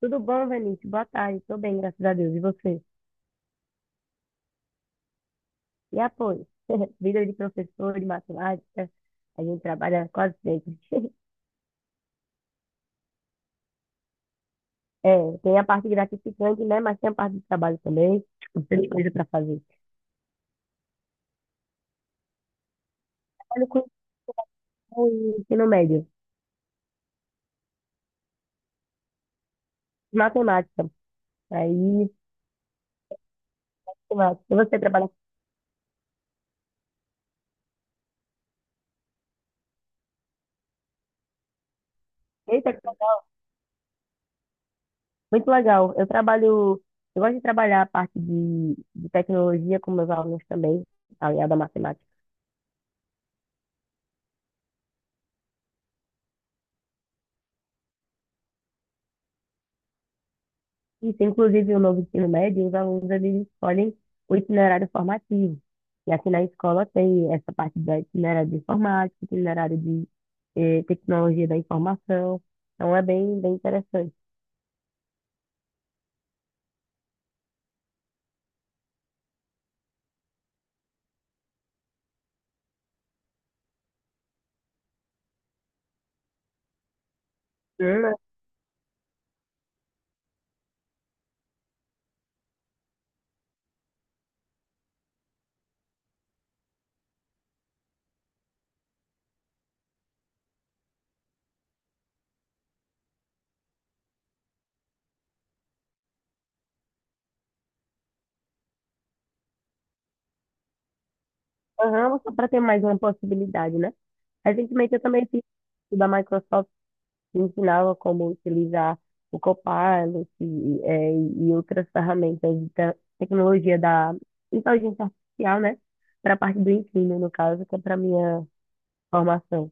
Tudo bom, Vinícius? Boa tarde. Tô bem, graças a Deus. E você? E apoio? Vida de professor de matemática, a gente trabalha quase sempre. É, tem a parte gratificante, né? Mas tem a parte de trabalho também. Tem coisa para fazer. Trabalho com ensino médio, matemática. Aí, matemática. Você trabalha com... Eita, que legal. Muito legal. Eu trabalho... Eu gosto de trabalhar a parte de tecnologia com meus alunos também, aliado à matemática. Isso, inclusive, o novo ensino médio, os alunos eles escolhem o itinerário formativo. E aqui na escola tem essa parte da itinerário de informática, itinerário de tecnologia da informação. Então é bem, bem interessante. Hum, aham, só para ter mais uma possibilidade, né? Recentemente eu também fiz o da Microsoft que ensinava como utilizar o Copilot e outras ferramentas de tecnologia da inteligência artificial, né? Para a parte do ensino, no caso, que é para minha formação.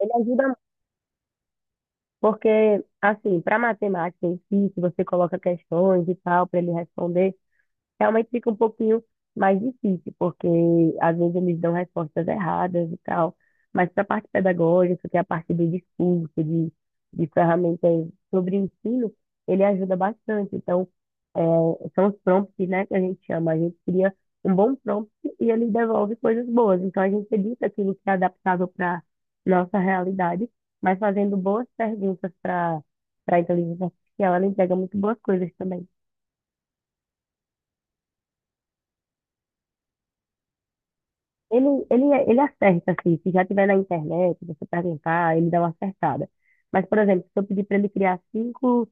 Ele ajuda muito, porque, assim, para matemática em si, se você coloca questões e tal, para ele responder, realmente fica um pouquinho mais difícil, porque às vezes eles dão respostas erradas e tal. Mas para a parte pedagógica, que é a parte do discurso, de ferramentas sobre ensino, ele ajuda bastante. Então, é, são os prompts, né, que a gente chama. A gente cria um bom prompt e ele devolve coisas boas. Então, a gente edita aquilo que é adaptável para nossa realidade, mas fazendo boas perguntas para a inteligência artificial, ela entrega muito boas coisas também. Ele, ele, ele acerta, assim, se já tiver na internet, você perguntar, ele dá uma acertada. Mas, por exemplo, se eu pedir para ele criar cinco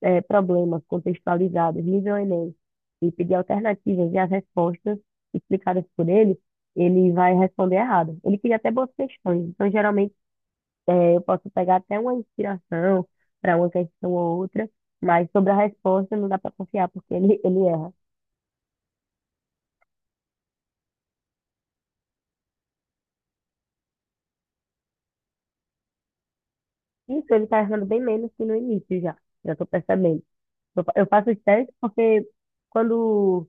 problemas contextualizados, nível Enem, e pedir alternativas e as respostas explicadas por ele, ele vai responder errado. Ele cria até boas questões. Então, geralmente, eu posso pegar até uma inspiração para uma questão ou outra, mas sobre a resposta não dá para confiar, porque ele erra. Isso, ele está errando bem menos que no início já. Já estou percebendo. Eu faço os testes porque quando,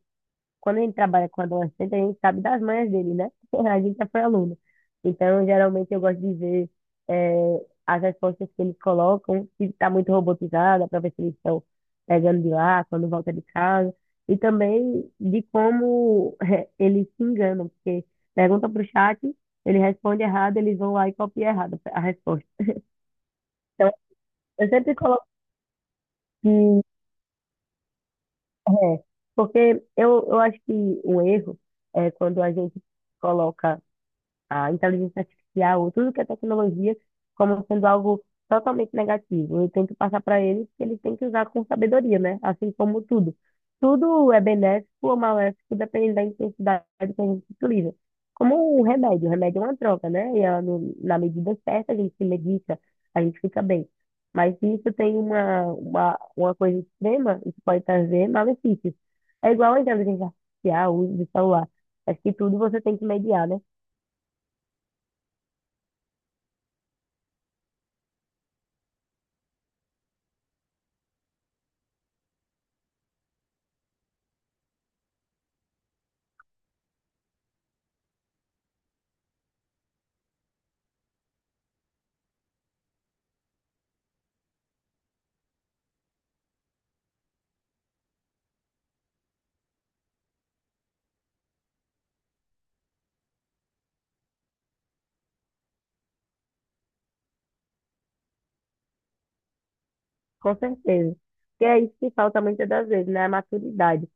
quando a gente trabalha com adolescente, a gente sabe das manhas dele, né? A gente já foi aluno. Então, geralmente, eu gosto de ver as respostas que eles colocam, se está muito robotizada, para ver se eles estão pegando de lá, quando volta de casa. E também de como eles se enganam, porque pergunta para o chat, ele responde errado, eles vão lá e copiam errado a resposta. Então, eu sempre coloco. Que É, porque eu acho que um erro é quando a gente coloca a inteligência artificial, tudo que é tecnologia, como sendo algo totalmente negativo. Eu tento passar para eles que eles têm que usar com sabedoria, né? Assim como tudo. Tudo é benéfico ou maléfico, dependendo da intensidade que a gente utiliza. Como o remédio é uma droga, né? E ela, na medida certa, a gente se medica, a gente fica bem. Mas se isso tem uma coisa extrema, isso pode trazer malefícios. É igual a inteligência artificial, o uso de celular. Acho que tudo você tem que mediar, né? Com certeza. Porque é isso que falta muitas das vezes, né? A maturidade.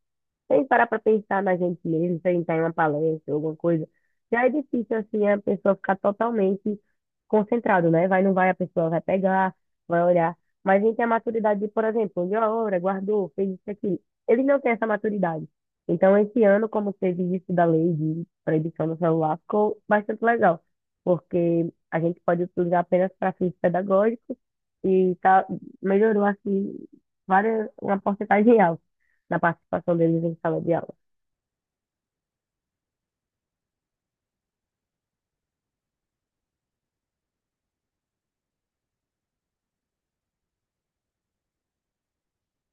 Sem parar para pensar na gente mesmo, sem estar em uma palestra, alguma coisa. Já é difícil, assim, a pessoa ficar totalmente concentrada, né? Vai, não vai, a pessoa vai pegar, vai olhar. Mas a gente tem a maturidade de, por exemplo, olhou a obra, guardou, fez isso aqui. Eles não têm essa maturidade. Então, esse ano, como teve isso da lei de proibição do celular, ficou bastante legal, porque a gente pode utilizar apenas para fins pedagógicos e tá, melhorou, assim, uma porcentagem alta na participação deles em sala de aula.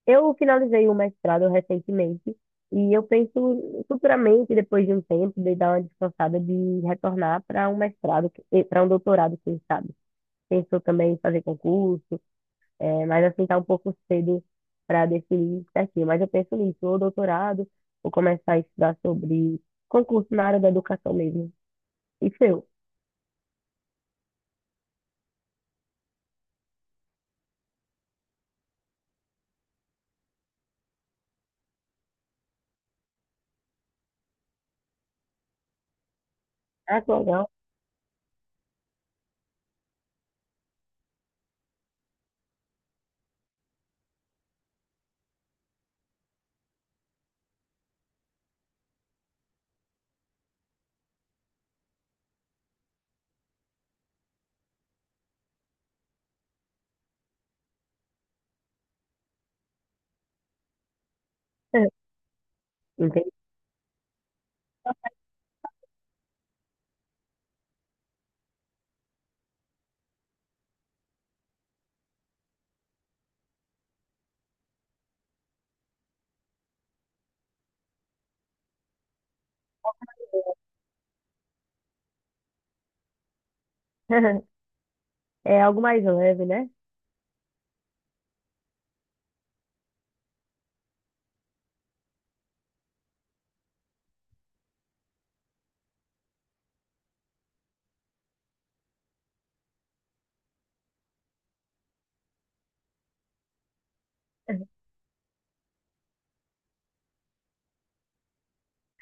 Eu finalizei o mestrado recentemente e eu penso futuramente, depois de um tempo, de dar uma descansada de retornar para um mestrado, para um doutorado, quem sabe. Pensou também em fazer concurso, mas assim está um pouco cedo para definir certinho. Mas eu penso nisso, ou doutorado, ou começar a estudar sobre concurso na área da educação mesmo. E seu? Ah, que legal. Entendi. É algo mais leve, né?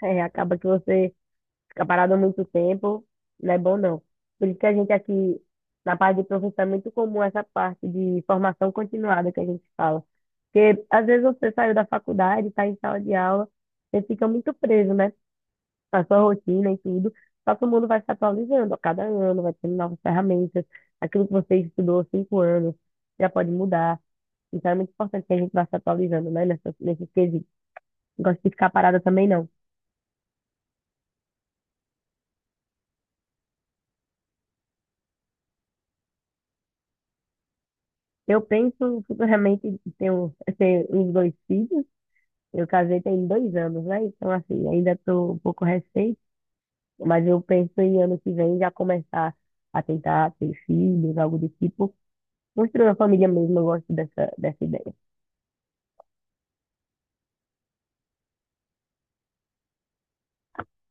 É, acaba que você ficar parado há muito tempo não é bom, não. Por isso que a gente aqui, na parte de professor, é muito comum essa parte de formação continuada que a gente fala. Porque às vezes você saiu da faculdade, está em sala de aula, você fica muito preso, né? Na sua rotina e tudo. Só que o mundo vai se atualizando a cada ano, vai tendo novas ferramentas. Aquilo que você estudou há 5 anos já pode mudar. Então é muito importante que a gente vá se atualizando, né? Nesse quesito. Não gosto de ficar parada também, não. Eu penso futuramente em ter uns dois filhos. Eu casei tem 2 anos, né? Então, assim, ainda estou um pouco recente, mas eu penso em ano que vem já começar a tentar ter filhos, algo do tipo. Construir uma família mesmo, eu gosto dessa ideia.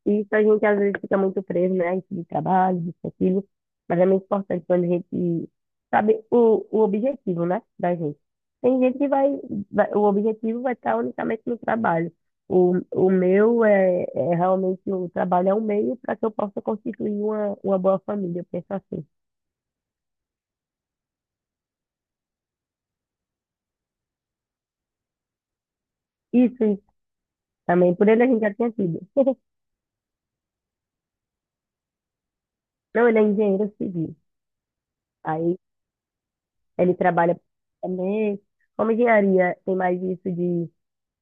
E isso a gente às vezes fica muito preso, né? Isso de trabalho, disso, aquilo. Mas é muito importante quando a gente sabe o objetivo, né? Da gente. Tem gente que o objetivo vai estar unicamente no trabalho. O meu é, é realmente o trabalho é um meio para que eu possa constituir uma boa família, eu penso assim. Isso também, por ele a gente já tinha tido. Não, ele é engenheiro civil. Aí ele trabalha também. Como engenharia tem mais isso de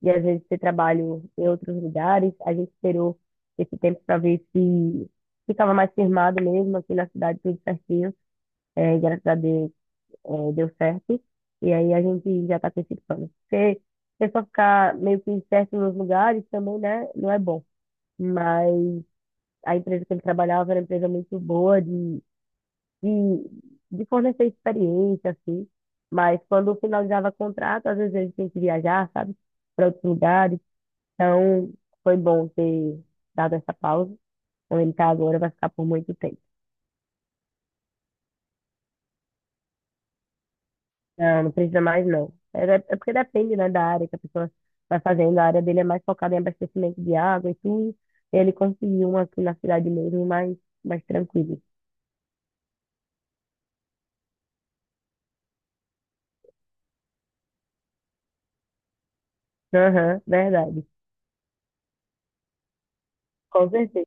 e às vezes ter trabalho em outros lugares. A gente esperou esse tempo para ver se ficava mais firmado mesmo aqui na cidade, tudo certinho. É, e graças a Deus, deu certo. E aí a gente já está com esse plano. Porque você só ficar meio que certo nos lugares também, né, não é bom. Mas a empresa que ele trabalhava era uma empresa muito boa de, de fornecer experiência, assim. Mas quando finalizava o contrato, às vezes a gente tinha que viajar, sabe, para outros lugares. Então, foi bom ter dado essa pausa. Onde ele tá agora vai ficar por muito tempo. Não, não precisa mais, não. É porque depende, né, da área que a pessoa vai fazendo. A área dele é mais focada em abastecimento de água e tudo. Ele conseguiu uma aqui na cidade mesmo, mais, mais tranquilo. Aham, verdade. Com certeza.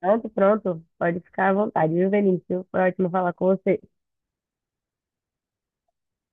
Pronto, pronto. Pode ficar à vontade, viu, Vinícius? Foi ótimo falar com você.